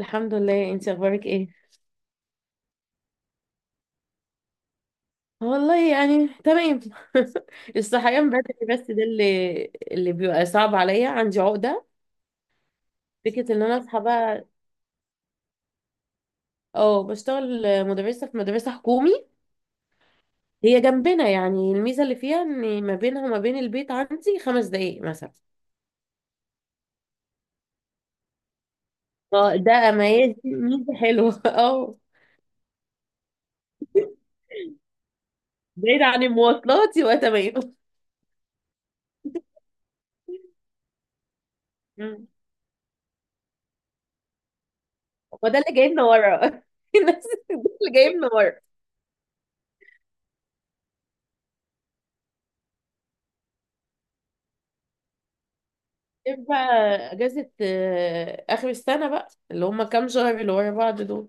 الحمد لله، انت اخبارك ايه؟ والله يعني تمام. الصحيان بدري بس ده اللي بيبقى صعب عليا. عندي عقدة فكرة ان انا اصحى بقى. اه، بشتغل مدرسة في مدرسة حكومي. هي جنبنا، يعني الميزة اللي فيها ان ما بينها وما بين البيت عندي 5 دقايق مثلا. اه، ده ميزة ميزة حلوة. اه، بعيد عن المواصلات يبقى تمام. مم. وده اللي جايبنا ورا. الناس. ده اللي جايبنا ورا غير بقى. اجازه، اخر السنه بقى، اللي هم كام شهر اللي ورا بعض دول.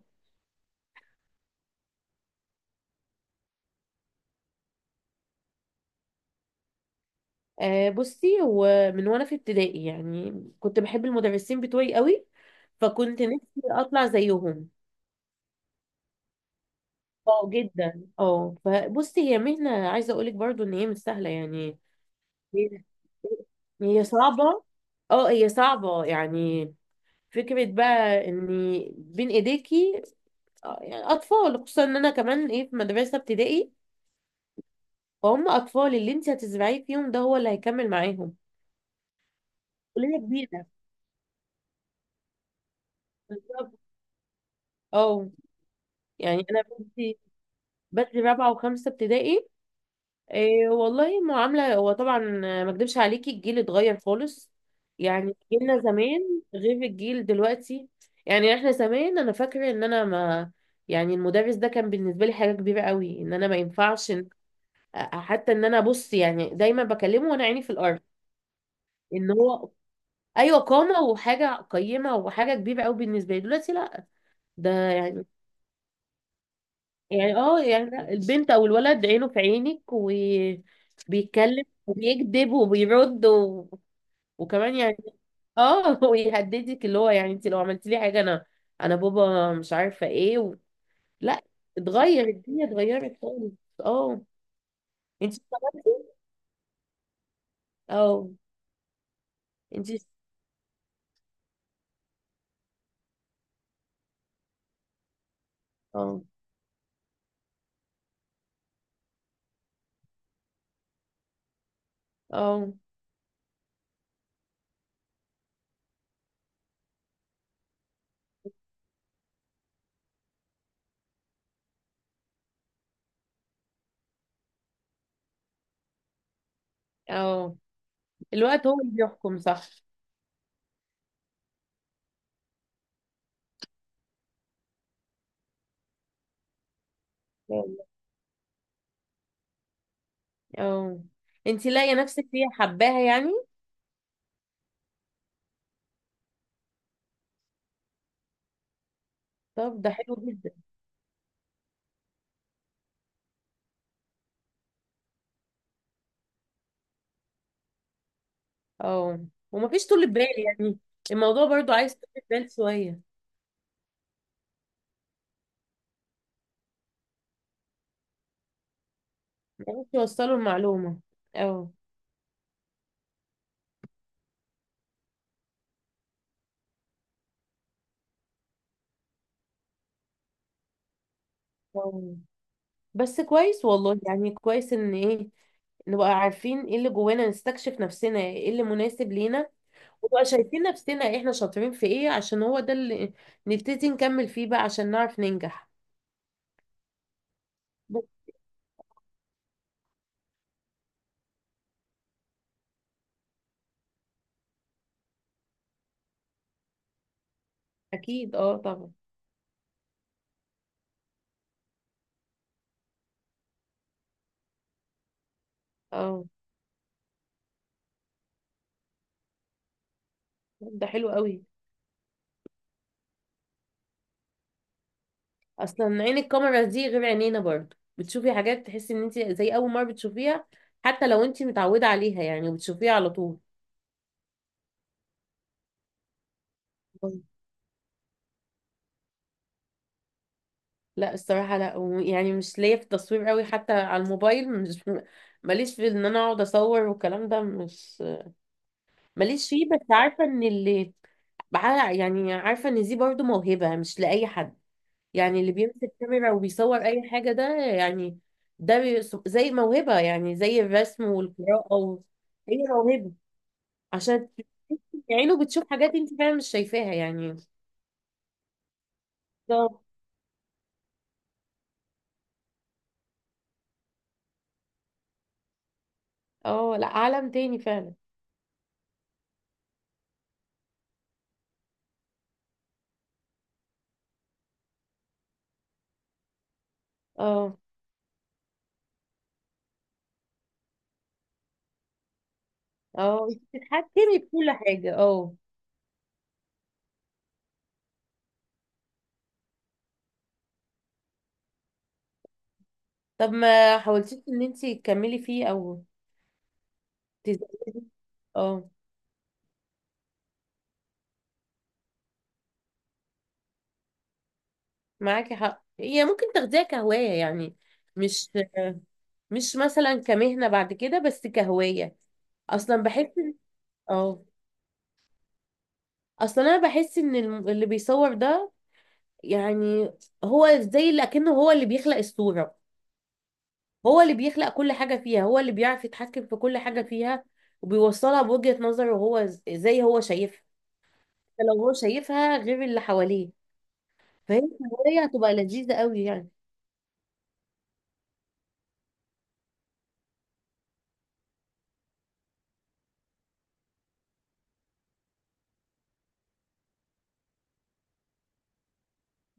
آه، بصي، هو من وانا في ابتدائي يعني كنت بحب المدرسين بتوعي قوي، فكنت نفسي اطلع زيهم. اه جدا، اه. فبصي، هي مهنه، عايزه اقولك برضو ان هي مش سهله يعني. هي هي صعبه. اه، هي صعبه يعني. فكره بقى ان بين ايديكي. يعني اطفال، خصوصا ان انا كمان، ايه، في مدرسه ابتدائي. فهم اطفال، اللي انت هتزرعيه فيهم ده هو اللي هيكمل معاهم. كلية كبيرة. بالظبط، اه. يعني انا بنتي بدري رابعة وخمسة ابتدائي. إيه والله معاملة، هو طبعا. ما اكدبش عليكي، الجيل اتغير خالص. يعني جيلنا زمان غير الجيل دلوقتي. يعني احنا زمان، انا فاكرة ان انا ما، يعني المدرس ده كان بالنسبة لي حاجة كبيرة قوي، ان انا ما ينفعش. حتى ان انا بص، يعني دايما بكلمه وانا عيني في الارض. ان هو، ايوه، قامه وحاجه قيمه وحاجه كبيره قوي بالنسبه لي. دلوقتي لا، ده يعني لا، البنت او الولد عينه في عينك وبيتكلم وبيكذب وبيرد. وكمان يعني، اه، ويهددك، اللي هو يعني، انت لو عملت لي حاجه انا بابا مش عارفه ايه. لا، اتغير. الدنيا اتغيرت خالص. اه، انت اشتغلتي؟ اه. انت. اه. اه. اه. الوقت هو اللي بيحكم، صح؟ اه، انتي لاقية نفسك فيها، حباها يعني. طب ده حلو جدا. اه، ومفيش طول بال يعني. الموضوع برضو عايز طول بال شوية. عايز توصلوا المعلومة. اه. اه. بس كويس والله، يعني كويس ان ايه، نبقى عارفين ايه اللي جوانا، نستكشف نفسنا، ايه اللي مناسب لينا. ونبقى شايفين نفسنا احنا شاطرين في ايه، عشان هو ده اللي نبتدي نكمل فيه بقى عشان نعرف ننجح. بس اكيد، اه، طبعا. اه. ده حلو قوي. اصلا عين الكاميرا دي غير عينينا، برضه بتشوفي حاجات تحسي ان انت زي اول مره بتشوفيها، حتى لو انت متعوده عليها يعني وبتشوفيها على طول. لا الصراحه لا، يعني مش ليا في التصوير قوي، حتى على الموبايل مش. ماليش في ان انا اقعد اصور والكلام ده مش ماليش فيه. بس عارفه ان اللي يعني عارفه ان دي برضه موهبه مش لاي حد. يعني اللي بيمسك كاميرا وبيصور اي حاجه ده يعني. ده بي- زي موهبه، يعني زي الرسم والقراءه. هي موهبه، عشان عينه بتشوف حاجات انت فعلا مش شايفاها يعني. بالظبط، اه. لا، عالم تاني فعلا. اه، اه، انت بتتحكمي بكل حاجة، اه. طب ما حاولتيش ان انت تكملي فيه او تزودي؟ اه، معاكي حق، هي ممكن تاخديها كهواية يعني. مش مش مثلا كمهنة بعد كده، بس كهواية. اصلا بحس. اه. اصلا انا بحس ان اللي بيصور ده، يعني هو زي اللي اكنه هو اللي بيخلق الصورة. هو اللي بيخلق كل حاجة فيها، هو اللي بيعرف يتحكم في كل حاجة فيها. وبيوصلها بوجهة نظره هو، زي هو شايفها. لو هو شايفها غير اللي حواليه. فهي الهواية هتبقى لذيذة قوي يعني.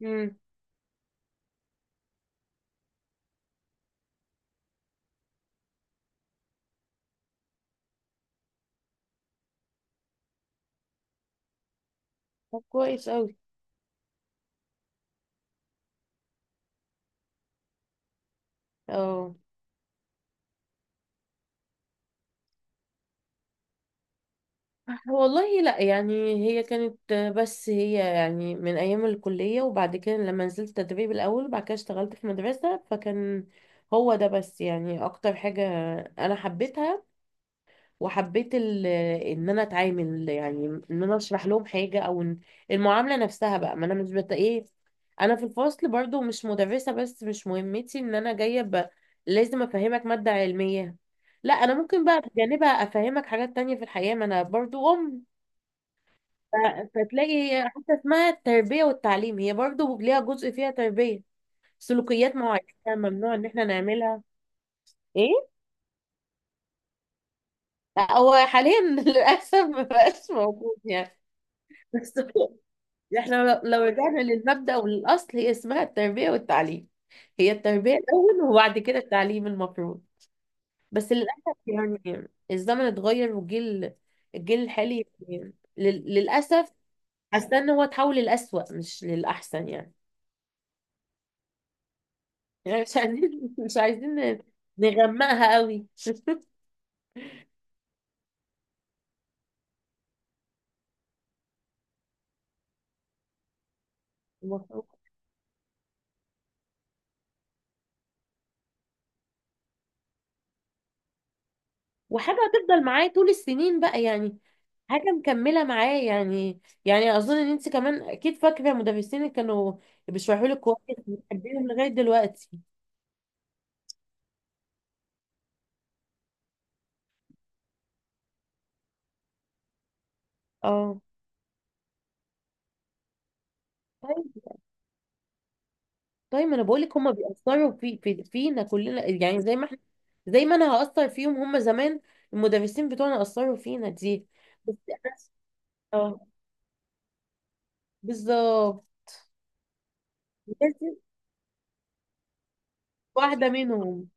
امم. طب كويس قوي. اه والله لا، يعني هي كانت بس، هي يعني من ايام الكلية، وبعد كده لما نزلت تدريب الاول، وبعد كده اشتغلت في مدرسة فكان هو ده بس، يعني اكتر حاجة انا حبيتها، وحبيت ان انا اتعامل، يعني ان انا اشرح لهم حاجه، او إن المعامله نفسها بقى. ما انا مش بت ايه، انا في الفصل برضو مش مدرسه، بس مش مهمتي ان انا جايه ب. لازم افهمك ماده علميه. لا، انا ممكن بقى بجانبها افهمك حاجات تانية في الحياه، ما انا برضو ام. فتلاقي هي حتى اسمها التربيه والتعليم، هي برضو ليها جزء فيها تربيه، سلوكيات معينه ممنوع ان احنا نعملها. ايه، هو حاليا للاسف مبقاش موجود يعني. بس احنا لو رجعنا للمبدأ والأصل، هي اسمها التربية والتعليم. هي التربية الأول وبعد كده التعليم المفروض. بس للأسف، يعني الزمن اتغير، والجيل، الجيل الحالي يعني، للأسف حاسة إن هو اتحول للأسوأ مش للأحسن يعني. يعني مش عايزين مش عايزين نغمقها قوي. وحاجة هتفضل معايا طول السنين بقى يعني، حاجة مكملة معايا يعني أظن إن أنت كمان أكيد فاكرة مدرسين اللي كانوا بيشرحوا لك كويس، بتحبيهم لغاية دلوقتي. اه، طيب. طيب، ما أنا بقول لك هما بيأثروا في فينا كلنا، يعني زي ما إحنا، زي ما أنا هأثر فيهم، هما زمان المدرسين بتوعنا أثروا فينا دي. بس أنا- اه، بالظبط. لازم واحدة منهم.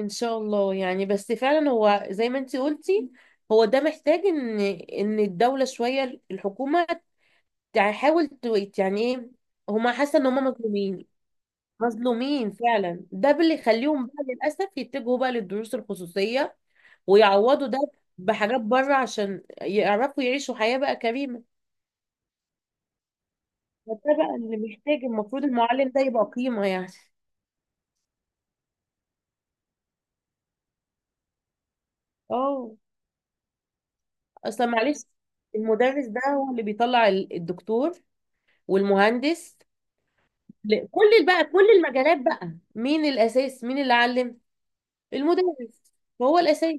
ان شاء الله يعني. بس فعلا هو زي ما انت قلتي، هو ده محتاج ان الدولة، شوية الحكومة تحاول تويت، يعني ايه، هما حاسة ان هما مظلومين. مظلومين فعلا. ده اللي يخليهم بقى للأسف يتجهوا بقى للدروس الخصوصية ويعوضوا ده بحاجات بره، عشان يعرفوا يعيشوا حياة بقى كريمة. ده بقى اللي محتاج، المفروض المعلم ده يبقى قيمة يعني. اه، اصلا معلش، المدرس ده هو اللي بيطلع الدكتور والمهندس. كل بقى كل المجالات بقى، مين الاساس؟ مين اللي علم؟ المدرس هو الاساس.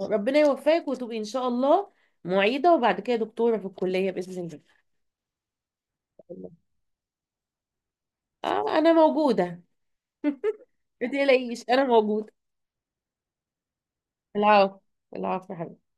ربنا يوفقك وتبقي ان شاء الله معيده، وبعد كده دكتوره في الكليه باذن الله. آه، انا موجوده. ما تقلقيش، انا موجوده. العفو، العفو يا حبيبتي.